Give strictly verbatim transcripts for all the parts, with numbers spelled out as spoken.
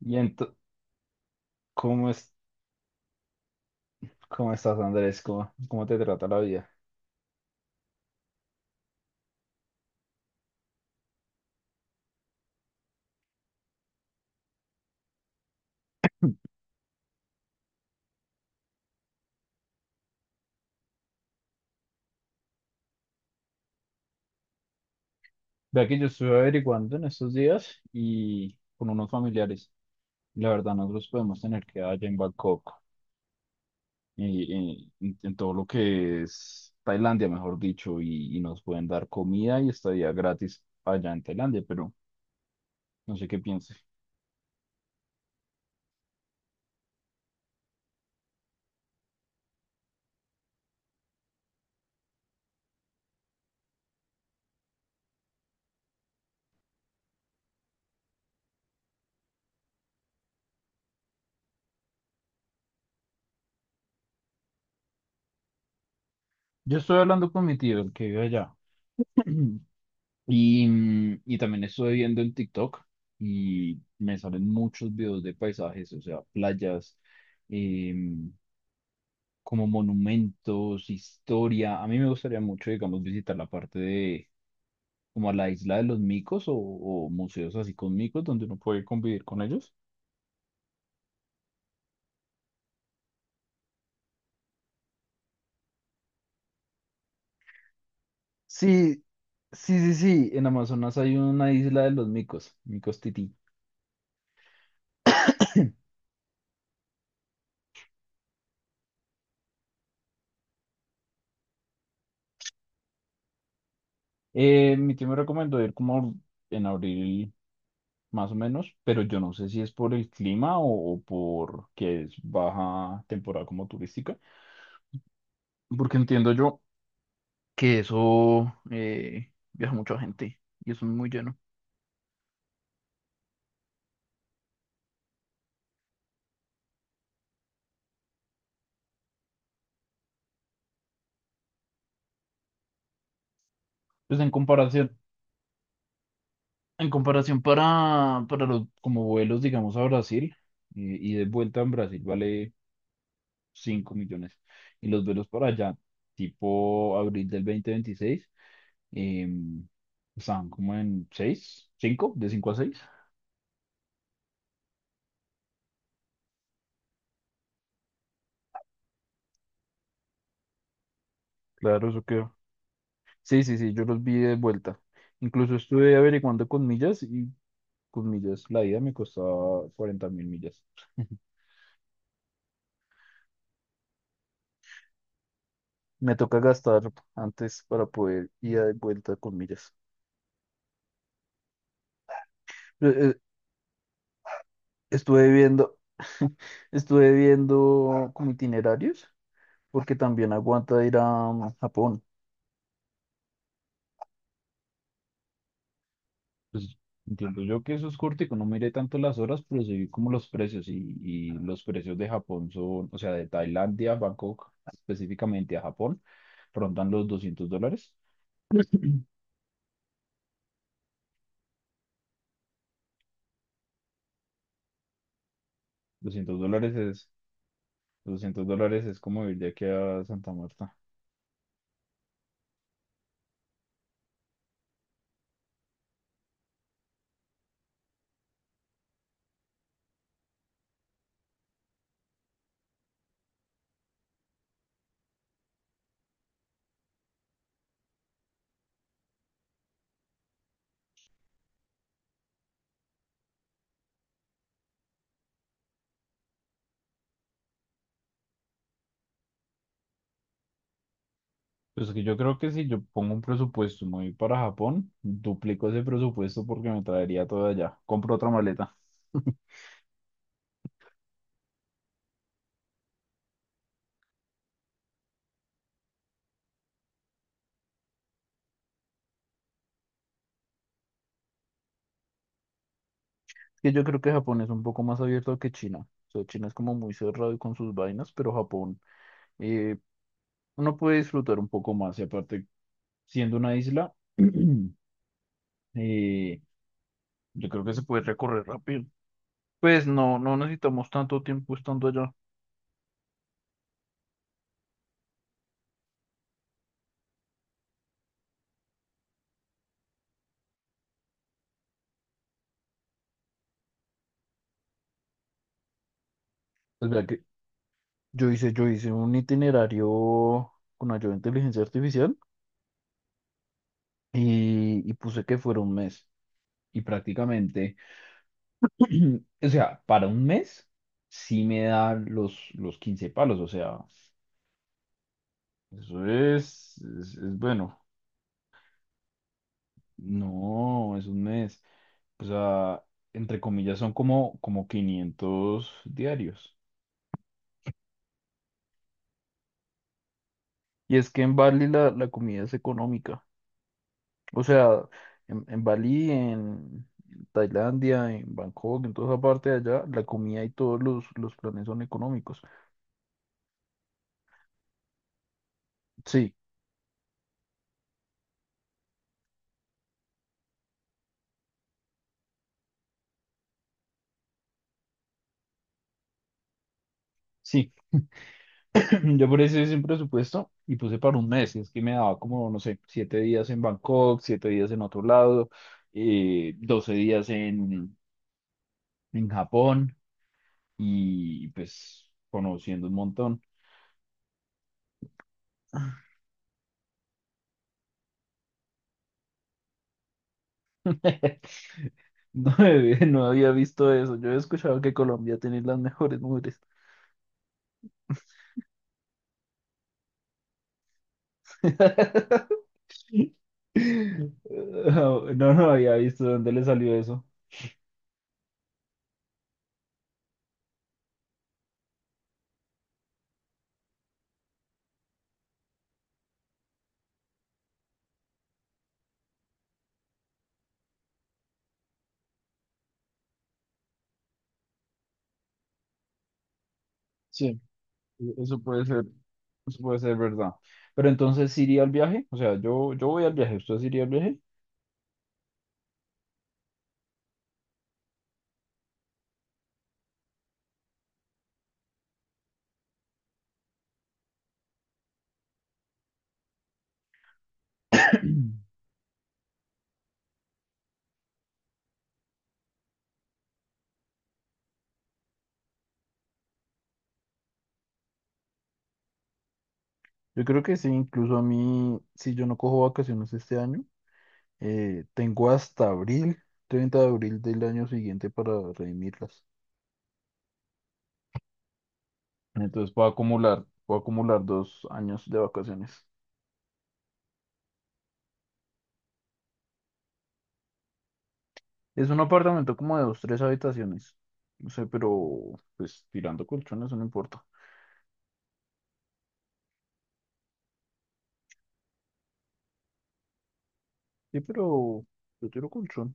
Y ento- ¿cómo es, cómo estás, Andrés? ¿Cómo, cómo te trata la vida? Vea que yo estuve averiguando en estos días y con unos familiares. La verdad, nosotros podemos tener que allá en Bangkok y, y- en en todo lo que es Tailandia, mejor dicho, y, y nos pueden dar comida y estadía gratis allá en Tailandia, pero no sé qué piense. Yo estoy hablando con mi tío, el que vive allá. Y, mm, y también estuve viendo en TikTok y me salen muchos videos de paisajes, o sea, playas, em, como monumentos, historia. A mí me gustaría mucho, digamos, visitar la parte de como la isla de los micos o, o museos así con micos donde uno puede convivir con ellos. Sí, sí, sí, sí. En Amazonas hay una isla de los micos, micos tití. Eh, mi tío me recomendó ir como en abril más o menos, pero yo no sé si es por el clima o, o por que es baja temporada como turística, porque entiendo yo que eso eh, viaja mucha gente y eso es muy lleno. Pues en comparación, en comparación para, para los como vuelos, digamos, a Brasil eh, y de vuelta en Brasil vale cinco millones y los vuelos para allá, tipo abril del dos mil veintiséis, eh, están como en seis cinco de cinco a seis. Claro, eso que. Sí, sí, sí, yo los vi de vuelta. Incluso estuve averiguando con millas y con millas. La ida me costaba cuarenta mil millas. Me toca gastar antes para poder ir de vuelta con millas. Eh, eh, Estuve viendo, estuve viendo como itinerarios, porque también aguanta ir a Japón. Pues entiendo yo que eso es corto y que no miré tanto las horas, pero sí vi como los precios y, y los precios de Japón son, o sea, de Tailandia, Bangkok específicamente a Japón, rondan los doscientos dólares. Doscientos dólares es, doscientos dólares es como ir de aquí a Santa Marta. Pues que yo creo que si yo pongo un presupuesto y me voy para Japón, duplico ese presupuesto porque me traería todo allá. Compro otra maleta. Que yo creo que Japón es un poco más abierto que China. O sea, China es como muy cerrado y con sus vainas, pero Japón eh, uno puede disfrutar un poco más y aparte, siendo una isla, eh, yo creo que se puede recorrer rápido. Pues no, no necesitamos tanto tiempo estando allá. Es verdad que yo hice, yo hice un itinerario con ayuda de inteligencia artificial y, y puse que fuera un mes. Y prácticamente, o sea, para un mes sí me da los, los quince palos, o sea, eso es, es, es bueno. No, es un mes. O sea, entre comillas, son como, como quinientos diarios. Y es que en Bali la, la comida es económica. O sea, en, en Bali, en Tailandia, en Bangkok, en toda esa parte de allá, la comida y todos los, los planes son económicos. Sí, sí. Yo por eso hice un presupuesto y puse para un mes. Y es que me daba como, no sé, siete días en Bangkok, siete días en otro lado, eh, doce días en, en Japón y pues conociendo un montón. No, había- no había visto eso. Yo he escuchado que Colombia tiene las mejores mujeres. No, no había visto dónde le salió eso. Sí, eso puede ser, eso puede ser verdad. Pero entonces, ¿sí iría al viaje? O sea, yo, yo voy al viaje. ¿Usted sí iría al viaje? Yo creo que sí, incluso a mí, si yo no cojo vacaciones este año, eh, tengo hasta abril, treinta de abril del año siguiente para redimirlas. Entonces puedo acumular, puedo acumular dos años de vacaciones. Es un apartamento como de dos, tres habitaciones. No sé, pero pues tirando colchones no importa. Sí, pero yo tiro colchón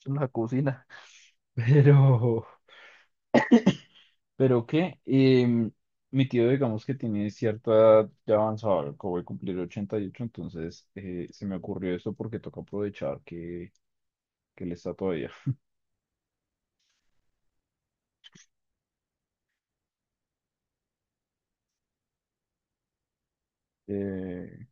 es en la cocina. Pero, pero qué, Em, mi tío digamos que tiene cierta edad ya avanzada, acabo voy a cumplir ochenta y ocho entonces eh, se me ocurrió esto porque toca aprovechar que, que él está todavía. Eh,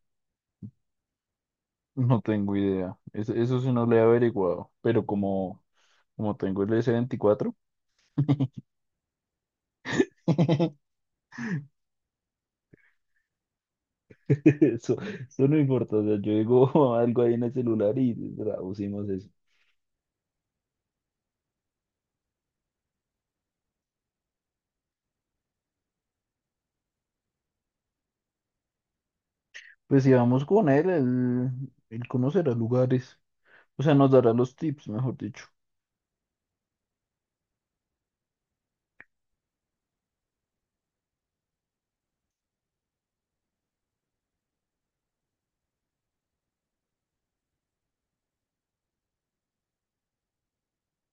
No tengo idea. Es- Eso, sí no lo he averiguado. Pero como, como tengo el s veinticuatro eso, eso no importa. O sea, yo digo algo ahí en el celular y traducimos eso. Pues si vamos con él, él, él conocerá lugares. O sea, nos dará los tips, mejor dicho.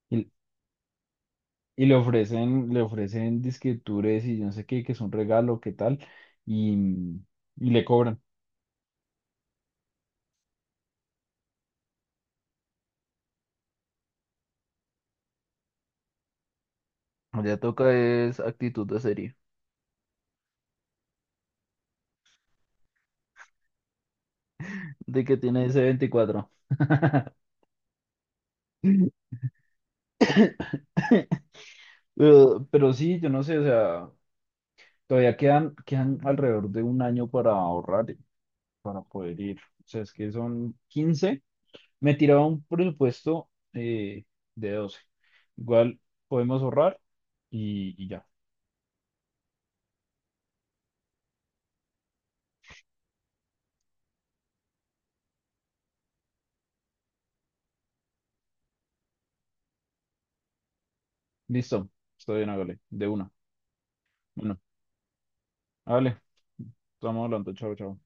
Y, y le ofrecen, le ofrecen, disque tours y yo no sé qué, que es un regalo, qué tal. Y, y le cobran. Ya toca es actitud de serie. ¿De que tiene s veinticuatro? Eh, pero sí, yo no sé, o sea, todavía quedan, quedan alrededor de un año para ahorrar, eh, para poder ir. O sea, es que son quince. Me tiraba un presupuesto eh, de doce. Igual podemos ahorrar y, y ya. Listo. Estoy bien, hágale. De una. Bueno, hágale. Estamos hablando. Chao, chao.